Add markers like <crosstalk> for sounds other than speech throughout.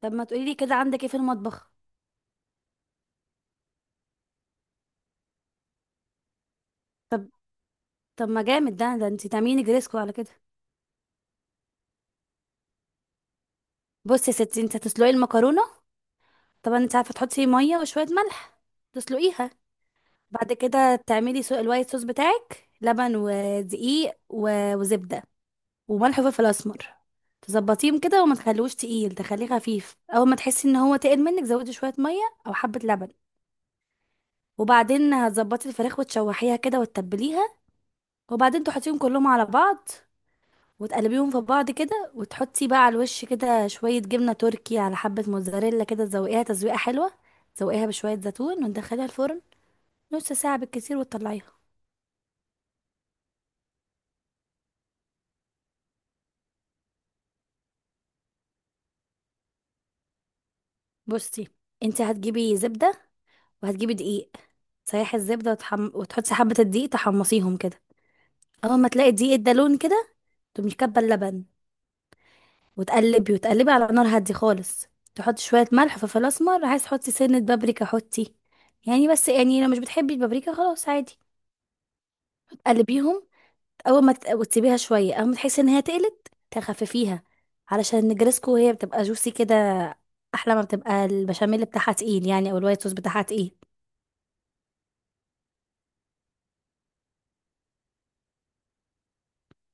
طب، ما تقولي لي كده عندك ايه في المطبخ؟ طب. ما جامد، ده انت تعملي جريسكو على كده. بصي يا ستي، انت هتسلقي المكرونه. طبعا انت عارفه، تحطي فيه ميه وشويه ملح، تسلقيها. بعد كده تعملي الوايت صوص بتاعك، لبن ودقيق و... وزبده وملح وفلفل اسمر، تظبطيهم كده وما تخلوش تقيل، تخليه خفيف. اول ما تحسي ان هو تقل منك زودي شويه ميه او حبه لبن. وبعدين هتظبطي الفراخ وتشوحيها كده وتتبليها. وبعدين تحطيهم كلهم على بعض وتقلبيهم في بعض كده، وتحطي بقى على الوش كده شوية جبنة تركي على حبة موتزاريلا، كده تزوقيها تزويقة حلوة. تزوقيها بشوية زيتون وتدخليها الفرن نص ساعة بالكتير وتطلعيها. بصي، انت هتجيبي زبدة وهتجيبي دقيق. تسيحي الزبدة وتحطي حبة الدقيق، تحمصيهم كده. أول ما تلاقي الدقيق ده لون كده، تقومي كبة اللبن وتقلبي وتقلبي على نار هادية خالص. تحطي شوية ملح وفلفل أسمر، عايز تحطي سنة بابريكا حطي. يعني بس يعني لو مش بتحبي البابريكا، خلاص عادي. تقلبيهم. اول ما تت- وتسيبيها شويه. اول ما تحسي ان هي تقلت تخففيها، علشان النجرسكو هي بتبقى جوسي كده. احلى ما بتبقى البشاميل بتاعها تقيل يعني، او الوايت صوص بتاعها تقيل.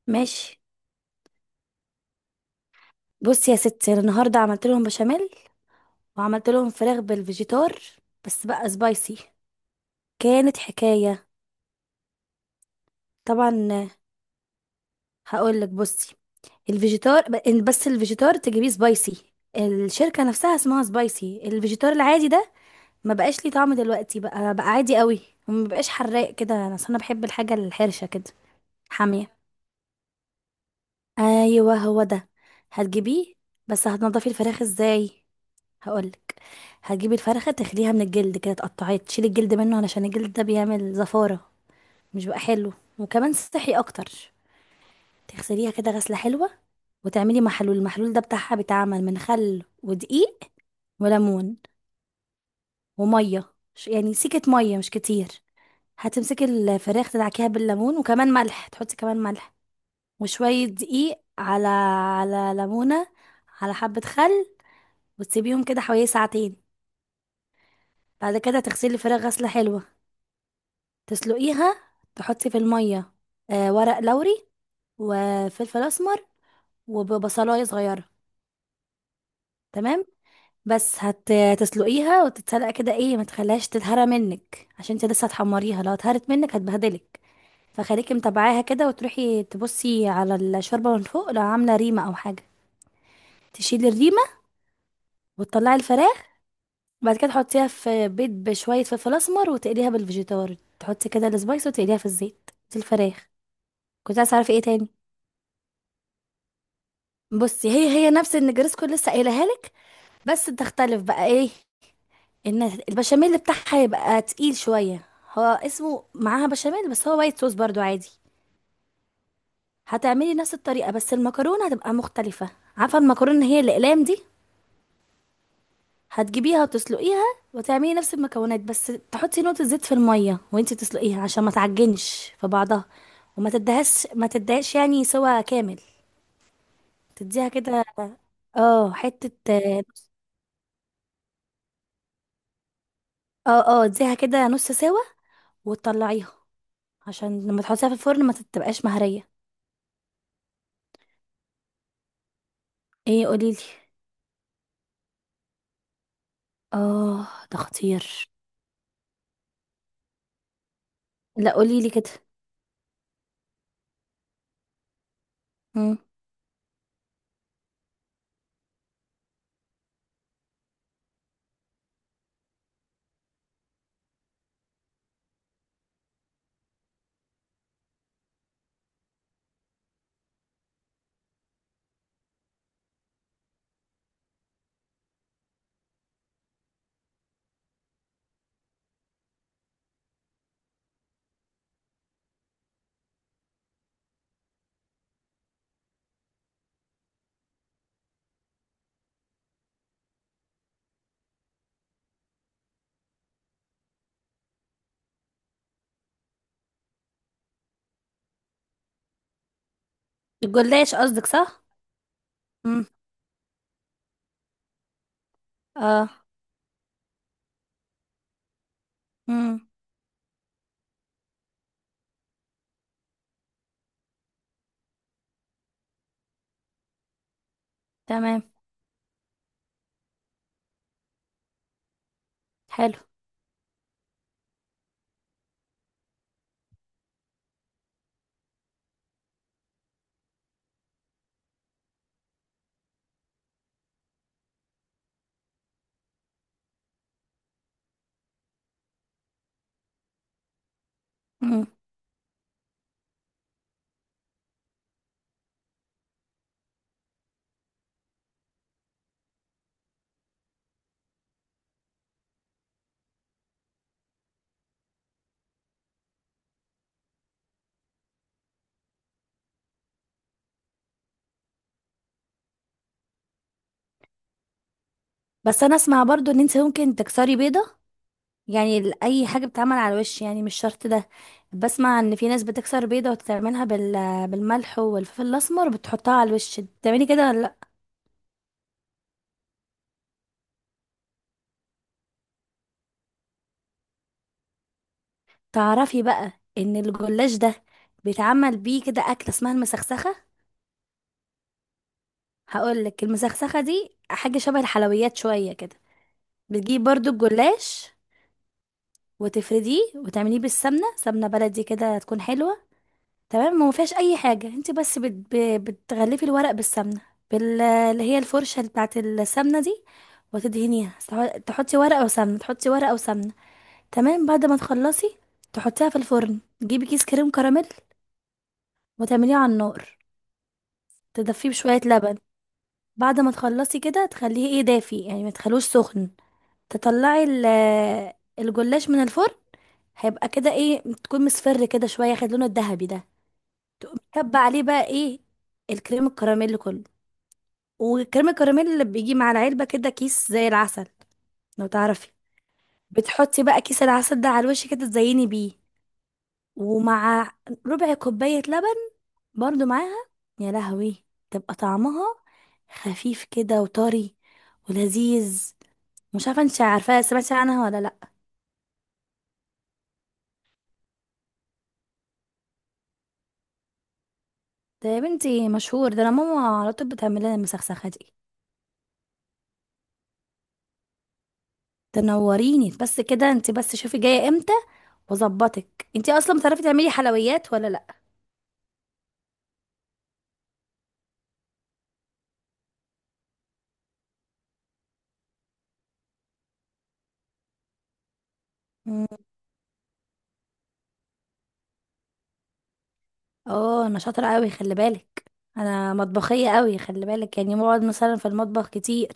ماشي. بصي يا ستي، أنا النهارده عملت لهم بشاميل، وعملت لهم فراخ بالفيجيتار، بس بقى سبايسي. كانت حكايه. طبعا، هقول لك. بصي، الفيجيتار إن بس الفيجيتار تجيبيه سبايسي، الشركه نفسها اسمها سبايسي. الفيجيتار العادي ده ما بقاش ليه طعم دلوقتي، بقى عادي قوي، وما بقاش حراق كده. انا أصل انا بحب الحاجه الحرشه كده. حاميه. ايوه هو ده. هتجيبيه. بس هتنضفي الفراخ ازاي؟ هقولك. هتجيبي الفرخه تخليها من الجلد، كده تقطعيه تشيلي الجلد منه، علشان الجلد ده بيعمل زفاره، مش بقى حلو، وكمان صحي اكتر. تغسليها كده غسله حلوه، وتعملي محلول. المحلول ده بتاعها بيتعمل من خل ودقيق وليمون وميه يعني سيكه ميه مش كتير. هتمسكي الفراخ تدعكيها بالليمون، وكمان ملح، تحطي كمان ملح، وشوية دقيق على ليمونة، على حبة خل، وتسيبيهم كده حوالي ساعتين. بعد كده تغسلي الفراخ غسلة حلوة، تسلقيها، تحطي في المية ورق لوري وفلفل أسمر وبصلاية صغيرة. تمام. بس هتسلقيها وتتسلق كده، ايه ما تخليهاش تتهرى منك، عشان انت لسه هتحمريها، لو اتهرت منك هتبهدلك. فخليكي متابعاها كده، وتروحي تبصي على الشوربة من فوق، لو عاملة ريمة أو حاجة تشيلي الريمة، وتطلعي الفراخ. بعد كده تحطيها في بيض بشوية فلفل أسمر، وتقليها بالفيجيتار، تحطي كده السبايس وتقليها في الزيت، دي الفراخ. كنت عايزة أعرف ايه تاني. بصي، هي هي نفس النجرسكو اللي لسه قايلها لك، بس تختلف بقى ايه، ان البشاميل بتاعها يبقى تقيل شوية. هو اسمه معاها بشاميل، بس هو وايت صوص برضو عادي. هتعملي نفس الطريقة، بس المكرونة هتبقى مختلفة. عارفة المكرونة اللي هي الأقلام دي؟ هتجيبيها وتسلقيها، وتعملي نفس المكونات، بس تحطي نقطة زيت في المية وانتي تسلقيها عشان ما تعجنش في بعضها، وما تدهش ما تدهش، يعني سوا كامل. تديها كده. اه حتة. اه، اه، اديها كده نص سوا وتطلعيها، عشان لما تحطيها في الفرن ما تبقاش مهرية. ايه؟ قوليلي. اه ده خطير. لا، قوليلي كده. مم. الجلاش قصدك صح؟ مم. اه. مم. تمام. حلو. مم. بس انا اسمع برضو ان انت ممكن تكسري بيضة، يعني اي حاجة بتتعمل على الوش، يعني مش شرط ده. بسمع ان في ناس بتكسر بيضة وتعملها بالملح والفلفل الاسمر، بتحطها على الوش. بتعملي كده ولا لا؟ تعرفي بقى ان الجلاش ده بيتعمل بيه كده اكلة اسمها المسخسخة؟ هقولك، المسخسخة دي حاجة شبه الحلويات شوية كده. بتجيب برضو الجلاش وتفرديه، وتعمليه بالسمنة، سمنة بلدي كده تكون حلوة. تمام، ما فيهاش اي حاجه، انت بس بتغلفي الورق بالسمنه، اللي هي الفرشه بتاعت السمنه دي، وتدهنيها، تحطي ورقه وسمنه، تحطي ورقه وسمنه. تمام، بعد ما تخلصي تحطيها في الفرن. تجيبي كيس كريم كراميل، وتعمليه على النار، تدفيه بشويه لبن. بعد ما تخلصي كده تخليه ايه دافي، يعني ما تخلوش سخن. تطلعي الجلاش من الفرن، هيبقى كده ايه تكون مصفر كده شويه، خد لونه الذهبي ده. تقوم كب عليه بقى ايه، الكريم الكراميل كله. والكريم الكراميل اللي بيجي مع العلبة كده، كيس زي العسل لو تعرفي. بتحطي بقى كيس العسل ده على الوش كده، تزيني بيه، ومع ربع كوباية لبن برضو معاها. يا لهوي، تبقى طعمها خفيف كده وطري ولذيذ. مش عارفة انت عارفاها، سمعتي عنها ولا لأ؟ ده يا بنتي مشهور، ده انا ماما على طول بتعمل لنا المسخسخة دي. تنوريني بس كده، انت بس شوفي جاية امتى واظبطك. انتي اصلا بتعرفي تعملي حلويات ولا لا؟ مم. اه، انا شاطره قوي خلي بالك، انا مطبخيه قوي خلي بالك، يعني بقعد مثلا في المطبخ كتير.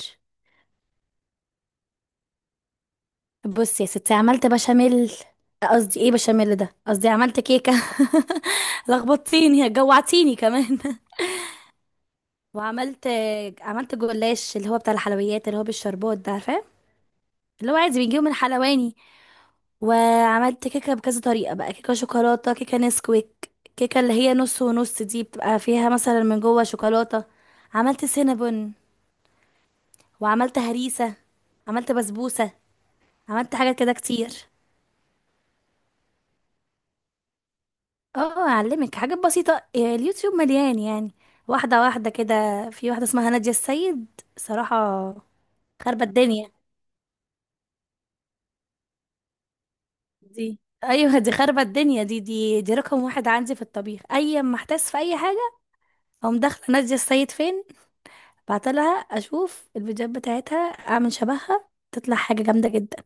بصي يا ستي، عملت بشاميل. قصدي ايه بشاميل ده، قصدي عملت كيكه. <laughs> لخبطتيني، جوعتيني كمان. <laughs> وعملت، عملت جلاش، اللي هو بتاع الحلويات، اللي هو بالشربات ده، عارفاه؟ اللي هو عادي بنجيبه من حلواني. وعملت كيكة بكذا طريقة بقى، كيكة شوكولاتة، كيكة نسكويك، كيكة اللي هي نص ونص دي، بتبقى فيها مثلا من جوه شوكولاتة. عملت سينابون، وعملت هريسة، عملت بسبوسة، عملت حاجات كده كتير. اه، اعلمك حاجات بسيطة. اليوتيوب مليان يعني. واحدة واحدة كده. في واحدة اسمها نادية السيد، صراحة خربت الدنيا. دي ايوه، دي خربت الدنيا. دي رقم واحد عندي في الطبيخ. اي ما احتاس في اي حاجة اقوم داخلة نادية السيد فين، بعتلها، اشوف الفيديوهات بتاعتها، اعمل شبهها، تطلع حاجة جامدة جدا.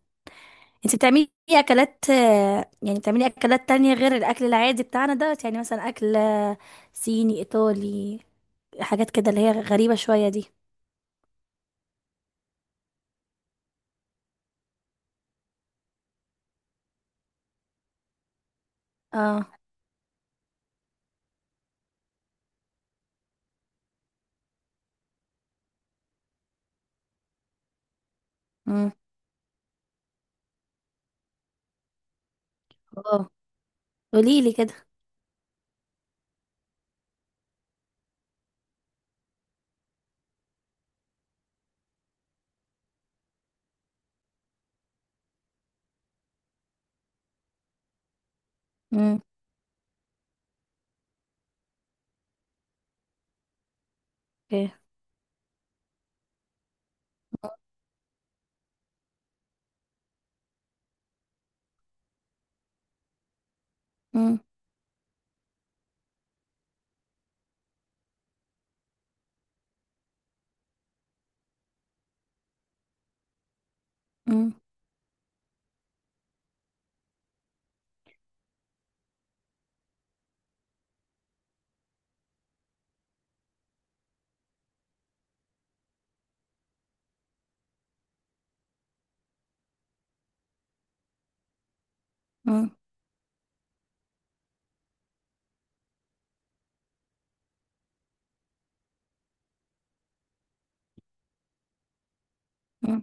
انت بتعملي اكلات، يعني بتعملي اكلات تانية غير الاكل العادي بتاعنا ده، يعني مثلا اكل صيني، ايطالي، حاجات كده اللي هي غريبة شوية دي؟ اه. امم اه، قوليلي كده. امم اوكي. امم امم امم امم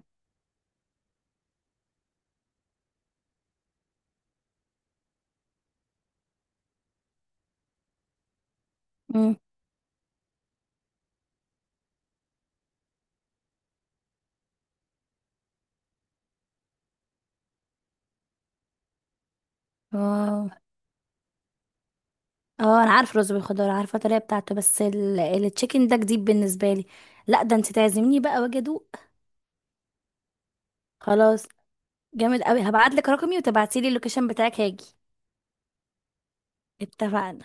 أمم. اه، اه، انا عارف رز بالخضار، عارفه الطريقه بتاعته، بس التشيكن ده جديد بالنسبه لي. لا ده انت تعزميني بقى واجي ادوق. خلاص، جامد قوي، هبعت لك رقمي وتبعتي لي اللوكيشن بتاعك هاجي. اتفقنا.